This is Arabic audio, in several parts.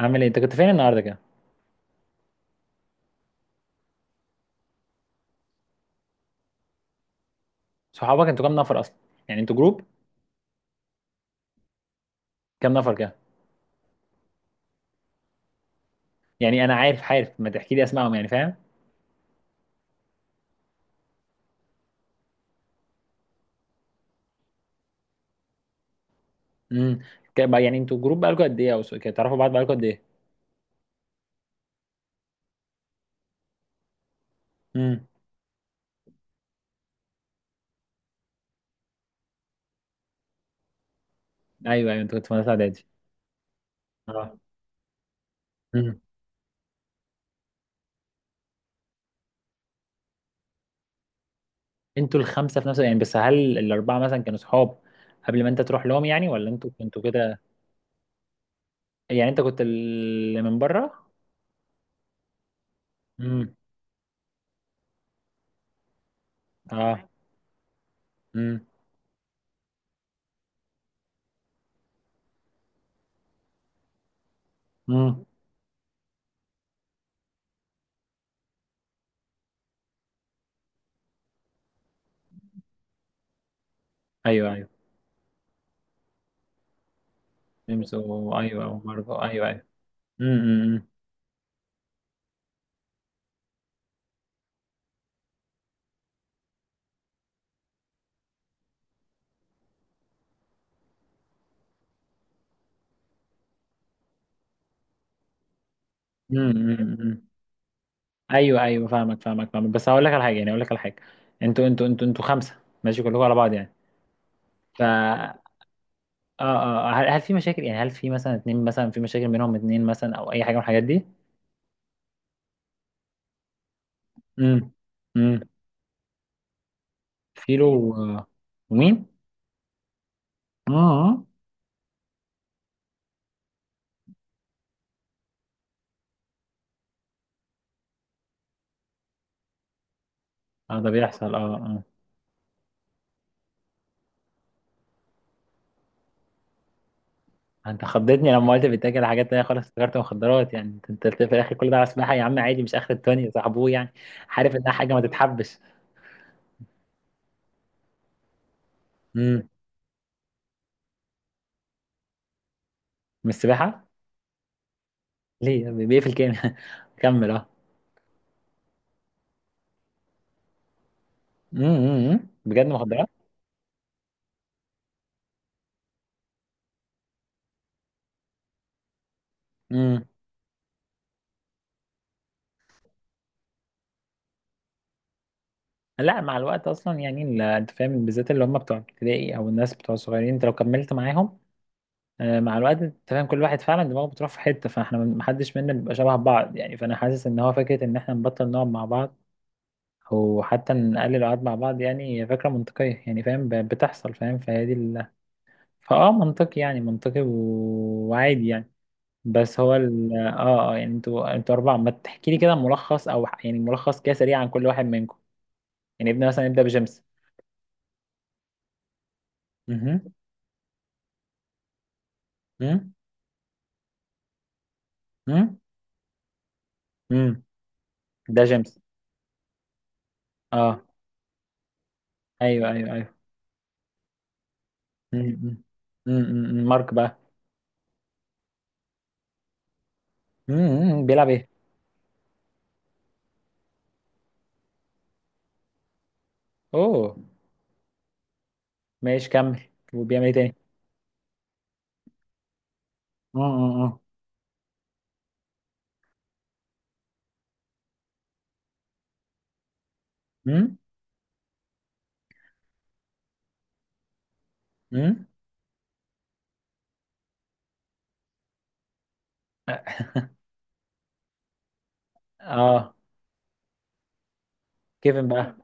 عامل ايه؟ انت كنت فين النهارده كده؟ صحابك انتوا كام نفر اصلا؟ يعني انتوا جروب؟ كام نفر كده؟ يعني انا عارف عارف، ما تحكي لي اسمائهم يعني، فاهم؟ امم. يعني انتوا جروب بقالكوا قد ايه؟ او كده تعرفوا بعض بقالكوا قد ايه؟ امم. ايوه، ايوه، انتوا كنتوا في مدرسه اعدادي؟ اه. امم. انتوا الخمسه في نفس، يعني بس هل الاربعه مثلا كانوا صحاب قبل ما انت تروح لهم يعني؟ ولا انتوا كنتوا كده؟ يعني انت كنت اللي من بره؟ امم. اه. امم. امم. ايوه، ايوه، ايوه، وماركو، ايوه، ايوه. امم. امم. امم. أمم، أمم. ايوه، ايوه، فاهمك فاهمك فاهمك، بس هقول لك على حاجه، يعني هقول لك على حاجه. انتوا خمسه، ماشي كلكم على بعض يعني؟ ف اه اه آه، هل في مشاكل يعني، هل في مثلا اتنين مثلا في مشاكل بينهم، اتنين مثلا او اي حاجه من الحاجات دي؟ امم. امم. فيلو و- ومين؟ اه، اه، ده بيحصل، اه، اه. انت خضتني لما قلت بيتاكل حاجات تانية خالص، افتكرت مخدرات يعني. انت في الاخر كل ده على سباحه يا عم، عادي، مش اخر الدنيا صاحبوه يعني. عارف انها حاجه ما تتحبش. امم. من السباحه؟ ليه بيقفل كام؟ كمل، اه. امم، بجد مخدرات؟ امم. لا، مع الوقت اصلا يعني انت فاهم، بالذات اللي هم بتوع ابتدائي او الناس بتوع صغيرين، انت لو كملت معاهم، مع الوقت، انت فاهم، كل واحد فعلا دماغه بتروح في حته، فاحنا محدش منا بيبقى شبه بعض يعني، فانا حاسس ان هو فكره ان احنا نبطل نقعد مع بعض، او حتى نقلل القعد مع بعض. يعني هي فكره منطقيه يعني، فاهم، بتحصل، فاهم، فهي دي فاه منطقي، يعني منطقي وعادي يعني. بس هو ال... اه اه يعني انتوا اربعه، ما تحكي لي كده ملخص او يعني ملخص كده سريع عن كل واحد منكم؟ يعني ابني مثلا يبدأ بجيمس؟ مهم. مم. مم. مم. ده جيمس؟ اه، ايوه، ايوه، ايوه. مم. مم. مم. مم. مارك بقى؟ مم. مم. بيلعب ايه؟ اوه. ماشي، كمل. وبيعمل ايه تاني؟ اه، اه، اه. مم. مم. اه، كيفن بقى؟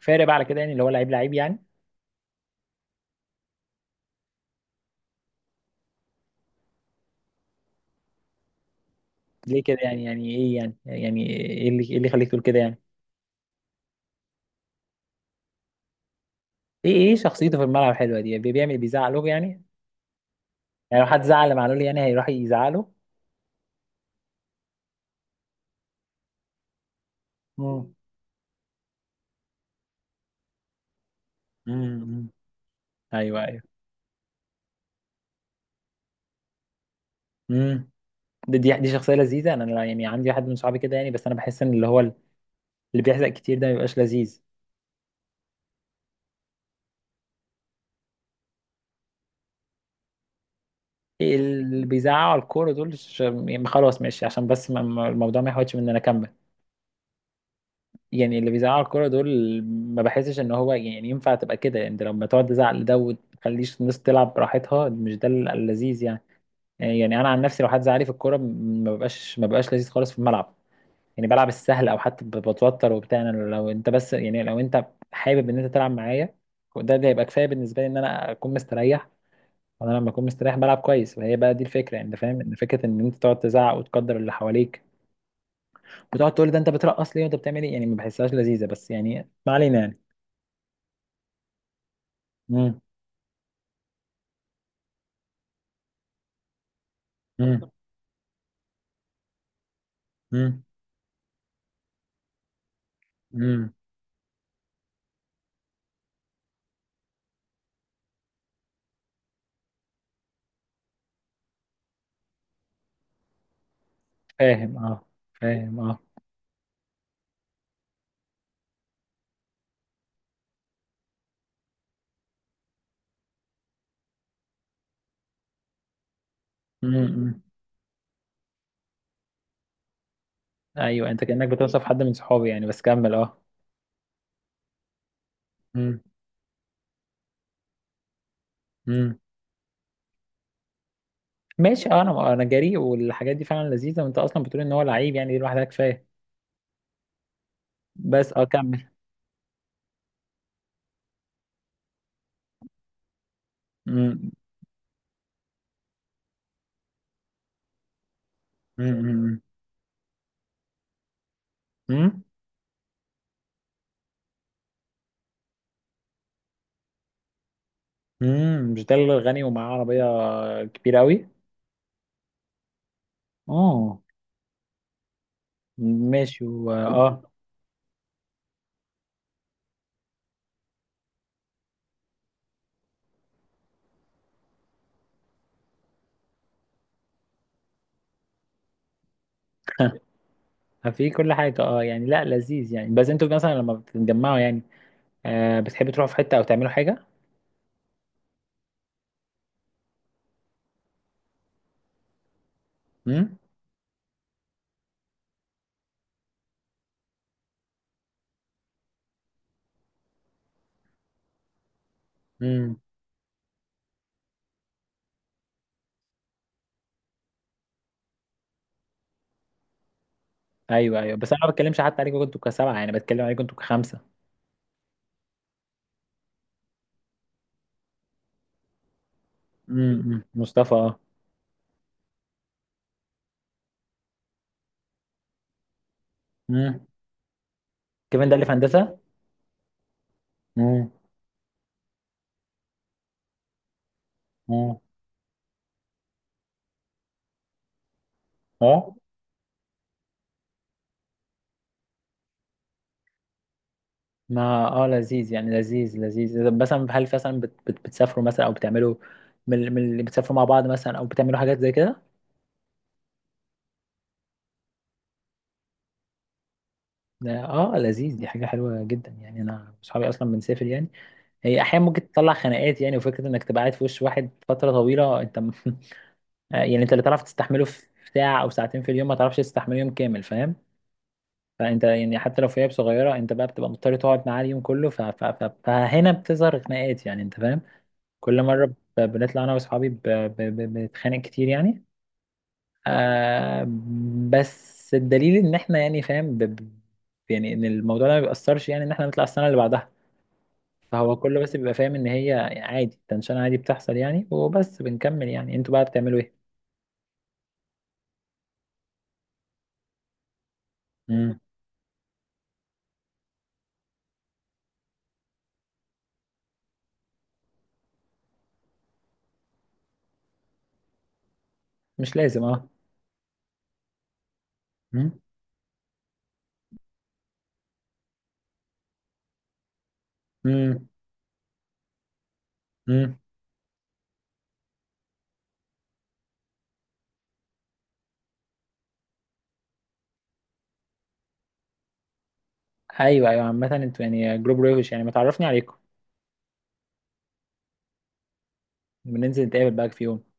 فارق بقى على كده يعني، اللي هو لعيب لعيب يعني؟ ليه كده يعني؟ يعني ايه يعني؟ يعني ايه اللي يخليك تقول كده يعني؟ ايه شخصيته في الملعب الحلوه دي، بيعمل، بيزعق له يعني؟ يعني لو حد زعل معلول يعني هيروح يزعله؟ امم. امم. ايوه. ايوه. دي شخصية لذيذة، أنا يعني عندي واحد من صحابي كده يعني، بس أنا بحس إن اللي هو اللي بيحزق كتير ده ما بيبقاش لذيذ. إيه اللي بيزعقوا على الكورة دول؟ يعني خلاص، ماشي، عشان بس الموضوع ما يحاولش من إن أنا أكمل. يعني اللي بيزعقوا على الكورة دول ما بحسش إن هو يعني ينفع تبقى كده. يعني أنت لما تقعد تزعق لده وتخليش الناس تلعب براحتها، مش ده اللذيذ يعني؟ يعني أنا عن نفسي، لو حد زعق لي في الكورة ما ببقاش لذيذ خالص في الملعب. يعني بلعب السهل، او حتى بتوتر وبتاع، انا لو انت، بس يعني لو انت حابب ان انت تلعب معايا، وده يبقى كفايه بالنسبه لي ان انا اكون مستريح. وانا لما اكون مستريح بلعب كويس، وهي بقى دي الفكره، انت فاهم ان فكره ان انت تقعد تزعق وتقدر اللي حواليك، وتقعد تقول ده انت بترقص ليه وانت بتعمل ايه، يعني ما بحسهاش لذيذه، بس يعني ما علينا يعني. امم. امم. امم. امم. فاهم، اه. فاهم، اه. امم. ايوه، انت كانك بتوصف حد من صحابي يعني، بس كمل، اه. امم. ماشي، اه، انا جريء، والحاجات دي فعلا لذيذه، وانت اصلا بتقول ان هو لعيب، يعني دي لوحدها كفايه. بس، اه، كمل. امم. امم. امم. امم. مش ده اللي غني ومعاه عربيه كبيره قوي؟ اه. ماشي. و اه في كل حاجه، اه يعني، لا لذيذ يعني، بس انتوا مثلا لما بتتجمعوا يعني، بتحبوا تروحوا في حته او تعملوا حاجه؟ امم. امم. ايوه، ايوه، بس انا ما بتكلمش حتى عليكم انتوا كسبعه، يعني بتكلم عليكم انتوا كخمسه. امم، مصطفى، اه. امم، كمان ده اللي في هندسه؟ امم. اه، ما لذيذ يعني، لذيذ لذيذ، طب مثلا هل مثلا بتسافروا مثلا او بتعملوا، من اللي بتسافروا مع بعض مثلا او بتعملوا حاجات زي كده؟ ده لذيذ، دي حاجه حلوه جدا، يعني انا اصحابي اصلا بنسافر يعني. هي احيانا ممكن تطلع خناقات يعني، وفكره انك تبقى قاعد في وش واحد فتره طويله، يعني انت اللي تعرف تستحمله في ساعه او ساعتين في اليوم، ما تعرفش تستحمله يوم كامل، فاهم؟ فانت يعني حتى لو في عيب صغيره، انت بقى بتبقى مضطر تقعد معاه اليوم كله، فهنا بتظهر خناقات يعني، انت فاهم. كل مرة، بنطلع أنا وأصحابي بنتخانق كتير يعني. آه بس الدليل إن إحنا يعني، فاهم، يعني إن الموضوع ده ما بيأثرش، يعني إن إحنا نطلع السنة اللي بعدها. فهو كله بس بيبقى فاهم إن هي عادي تنشان، عادي بتحصل يعني، وبس بنكمل. يعني أنتوا بقى بتعملوا إيه؟ مم. مش لازم، أه. مم. مم. مم. أيوه، أيوه، عامة أنتوا يعني جروب روش، يعني ما تعرفني عليكم. بننزل نتقابل بقى في يوم.